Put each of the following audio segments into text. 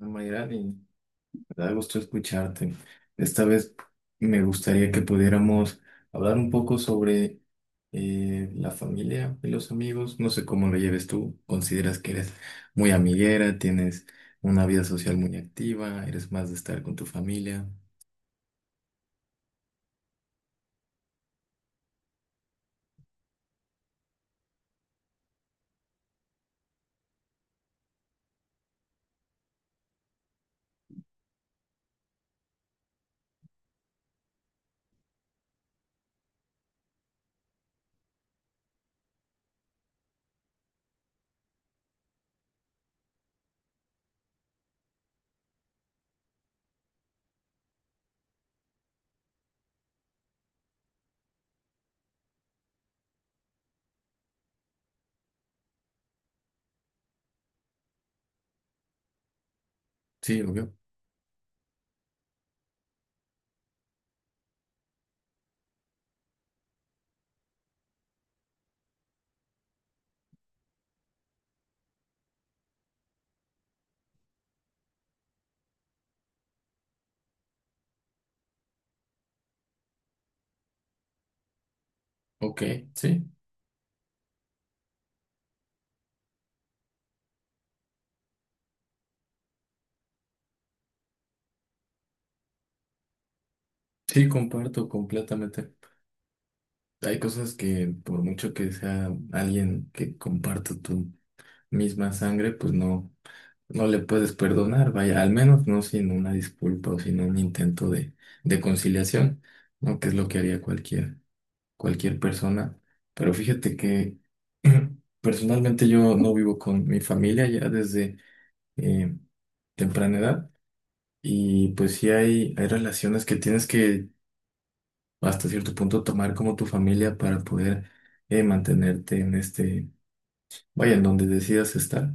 Mayrani, me da gusto escucharte. Esta vez me gustaría que pudiéramos hablar un poco sobre la familia y los amigos. No sé cómo lo lleves tú. ¿Consideras que eres muy amiguera? ¿Tienes una vida social muy activa? ¿Eres más de estar con tu familia? Sí, obvio. Ok, sí. Sí, comparto completamente. Hay cosas que por mucho que sea alguien que comparta tu misma sangre, pues no. No le puedes perdonar, vaya, al menos no sin una disculpa o sin un intento de conciliación, ¿no? Que es lo que haría cualquier persona. Pero fíjate que personalmente yo no vivo con mi familia ya desde eh, temprana edad y pues sí hay relaciones que tienes que hasta cierto punto tomar como tu familia para poder mantenerte en este. Vaya, en donde decidas estar,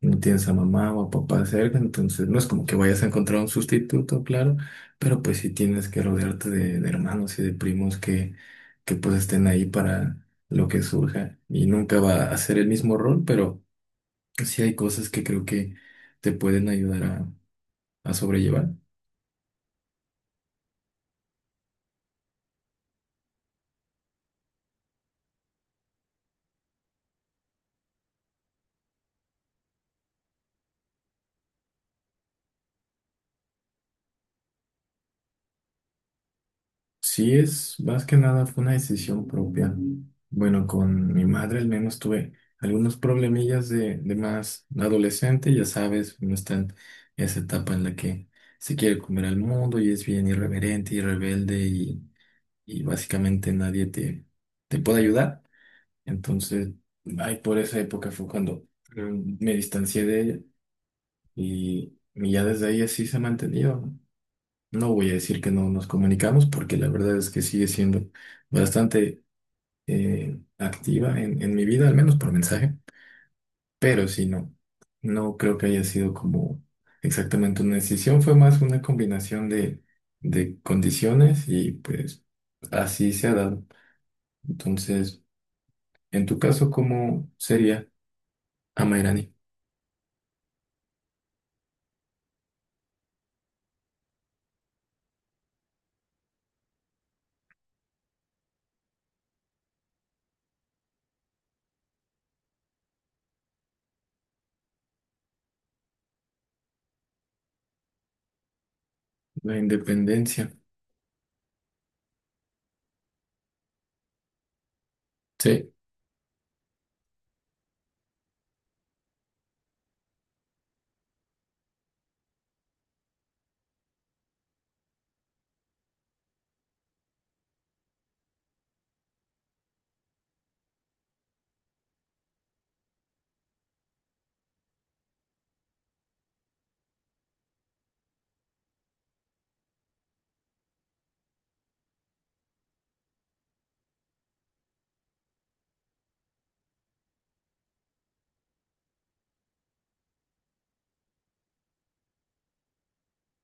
no tienes a mamá o a papá cerca, entonces no es como que vayas a encontrar un sustituto, claro, pero pues sí tienes que rodearte de hermanos y de primos que pues estén ahí para lo que surja y nunca va a ser el mismo rol, pero sí hay cosas que creo que te pueden ayudar a sobrellevar. Sí, es más que nada fue una decisión propia. Bueno, con mi madre al menos tuve algunos problemillas de más adolescente, ya sabes, uno está en esa etapa en la que se quiere comer al mundo y es bien irreverente y rebelde y básicamente nadie te puede ayudar. Entonces, ay, por esa época fue cuando me distancié de ella y ya desde ahí así se ha mantenido, ¿no? No voy a decir que no nos comunicamos porque la verdad es que sigue siendo bastante activa en mi vida, al menos por mensaje, pero sí, no, no creo que haya sido como exactamente una decisión, fue más una combinación de condiciones y pues así se ha dado. Entonces, en tu caso, ¿cómo sería, Amairani? La independencia. Sí,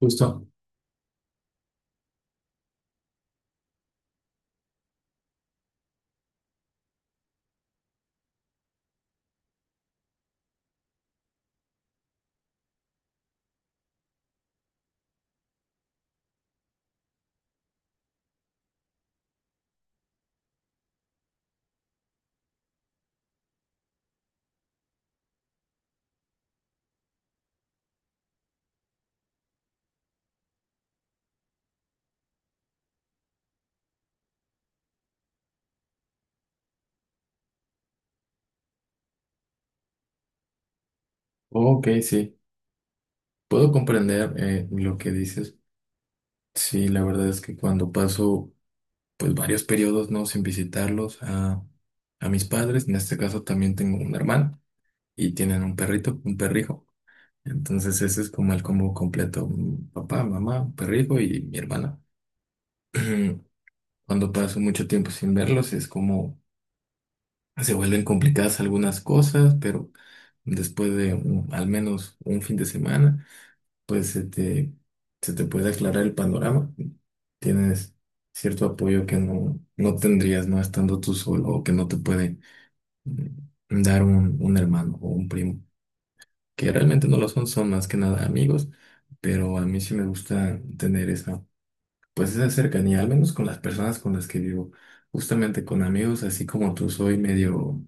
justo. Ok, sí, puedo comprender lo que dices. Sí, la verdad es que cuando paso pues varios periodos, ¿no? Sin visitarlos a mis padres. En este caso también tengo un hermano y tienen un perrito, un perrijo. Entonces ese es como el combo completo. Un papá, mamá, un perrijo y mi hermana. Cuando paso mucho tiempo sin verlos es como se vuelven complicadas algunas cosas, pero después de al menos un fin de semana, pues se se te puede aclarar el panorama. Tienes cierto apoyo que no, no tendrías, ¿no? Estando tú solo o que no te puede dar un hermano o un primo, que realmente no lo son, son más que nada amigos, pero a mí sí me gusta tener esa, pues esa cercanía, al menos con las personas con las que vivo. Justamente con amigos, así como tú, soy medio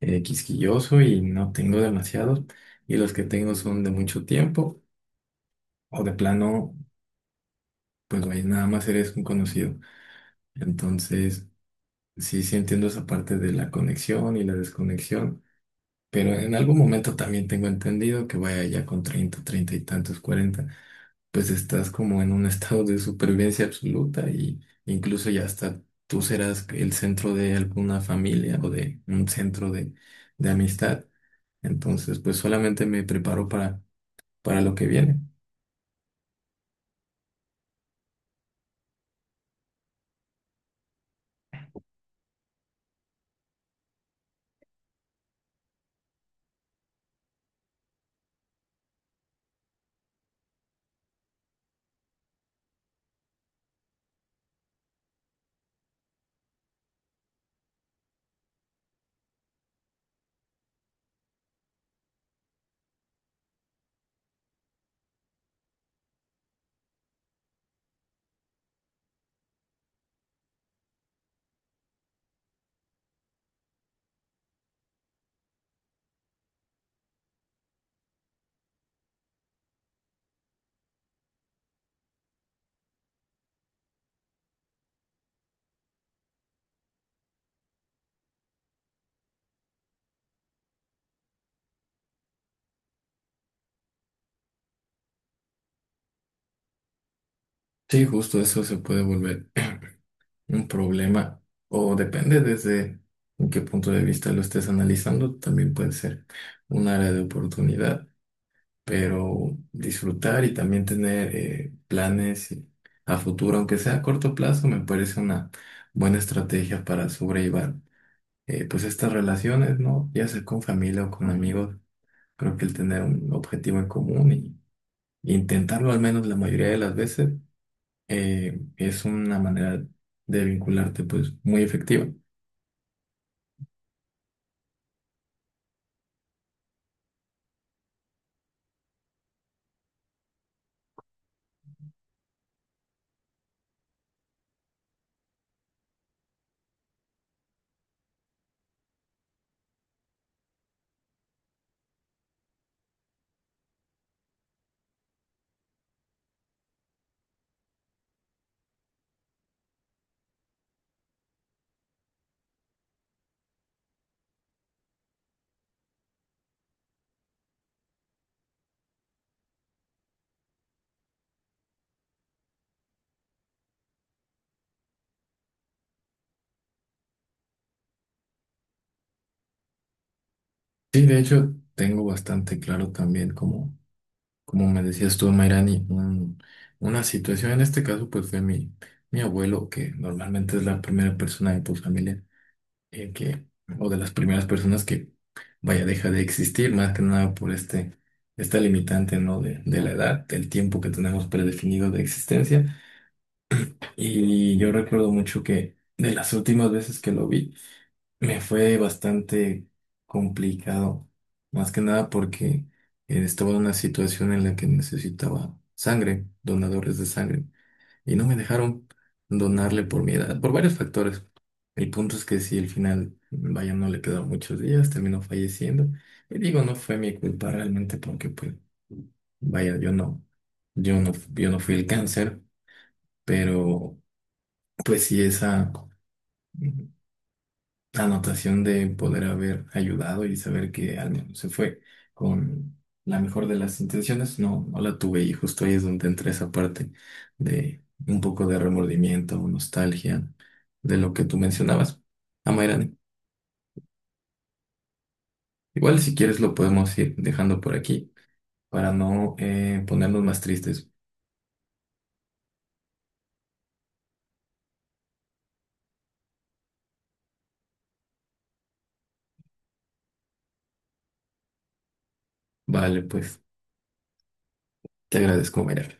quisquilloso y no tengo demasiados, y los que tengo son de mucho tiempo o de plano, pues vaya, nada más eres un conocido. Entonces, sí entiendo esa parte de la conexión y la desconexión, pero en algún momento también tengo entendido que vaya ya con 30 y tantos, cuarenta, pues estás como en un estado de supervivencia absoluta y incluso ya hasta tú serás el centro de alguna familia o de un centro de amistad. Entonces, pues solamente me preparo para lo que viene. Sí, justo eso se puede volver un problema, o depende desde en qué punto de vista lo estés analizando, también puede ser un área de oportunidad, pero disfrutar y también tener planes a futuro, aunque sea a corto plazo, me parece una buena estrategia para sobrellevar pues estas relaciones, ¿no? Ya sea con familia o con amigos, creo que el tener un objetivo en común y intentarlo al menos la mayoría de las veces es una manera de vincularte pues muy efectiva. Sí, de hecho, tengo bastante claro también, como, como me decías tú, Mayrani, una situación, en este caso, pues fue mi abuelo, que normalmente es la primera persona de tu familia, que, o de las primeras personas que, vaya, deja de existir, más que nada por este, esta limitante, ¿no? De la edad, del tiempo que tenemos predefinido de existencia. Y yo recuerdo mucho que de las últimas veces que lo vi, me fue bastante complicado, más que nada porque estaba en una situación en la que necesitaba sangre, donadores de sangre, y no me dejaron donarle por mi edad, por varios factores. El punto es que si al final, vaya, no le quedaron muchos días, terminó falleciendo. Y digo, no fue mi culpa realmente porque, pues, vaya, yo no fui el cáncer, pero pues sí esa anotación de poder haber ayudado y saber que al menos se fue con la mejor de las intenciones, no, no la tuve, y justo ahí es donde entra esa parte de un poco de remordimiento o nostalgia de lo que tú mencionabas. Amairani, igual si quieres lo podemos ir dejando por aquí para no ponernos más tristes. Vale, pues te agradezco, Amairani.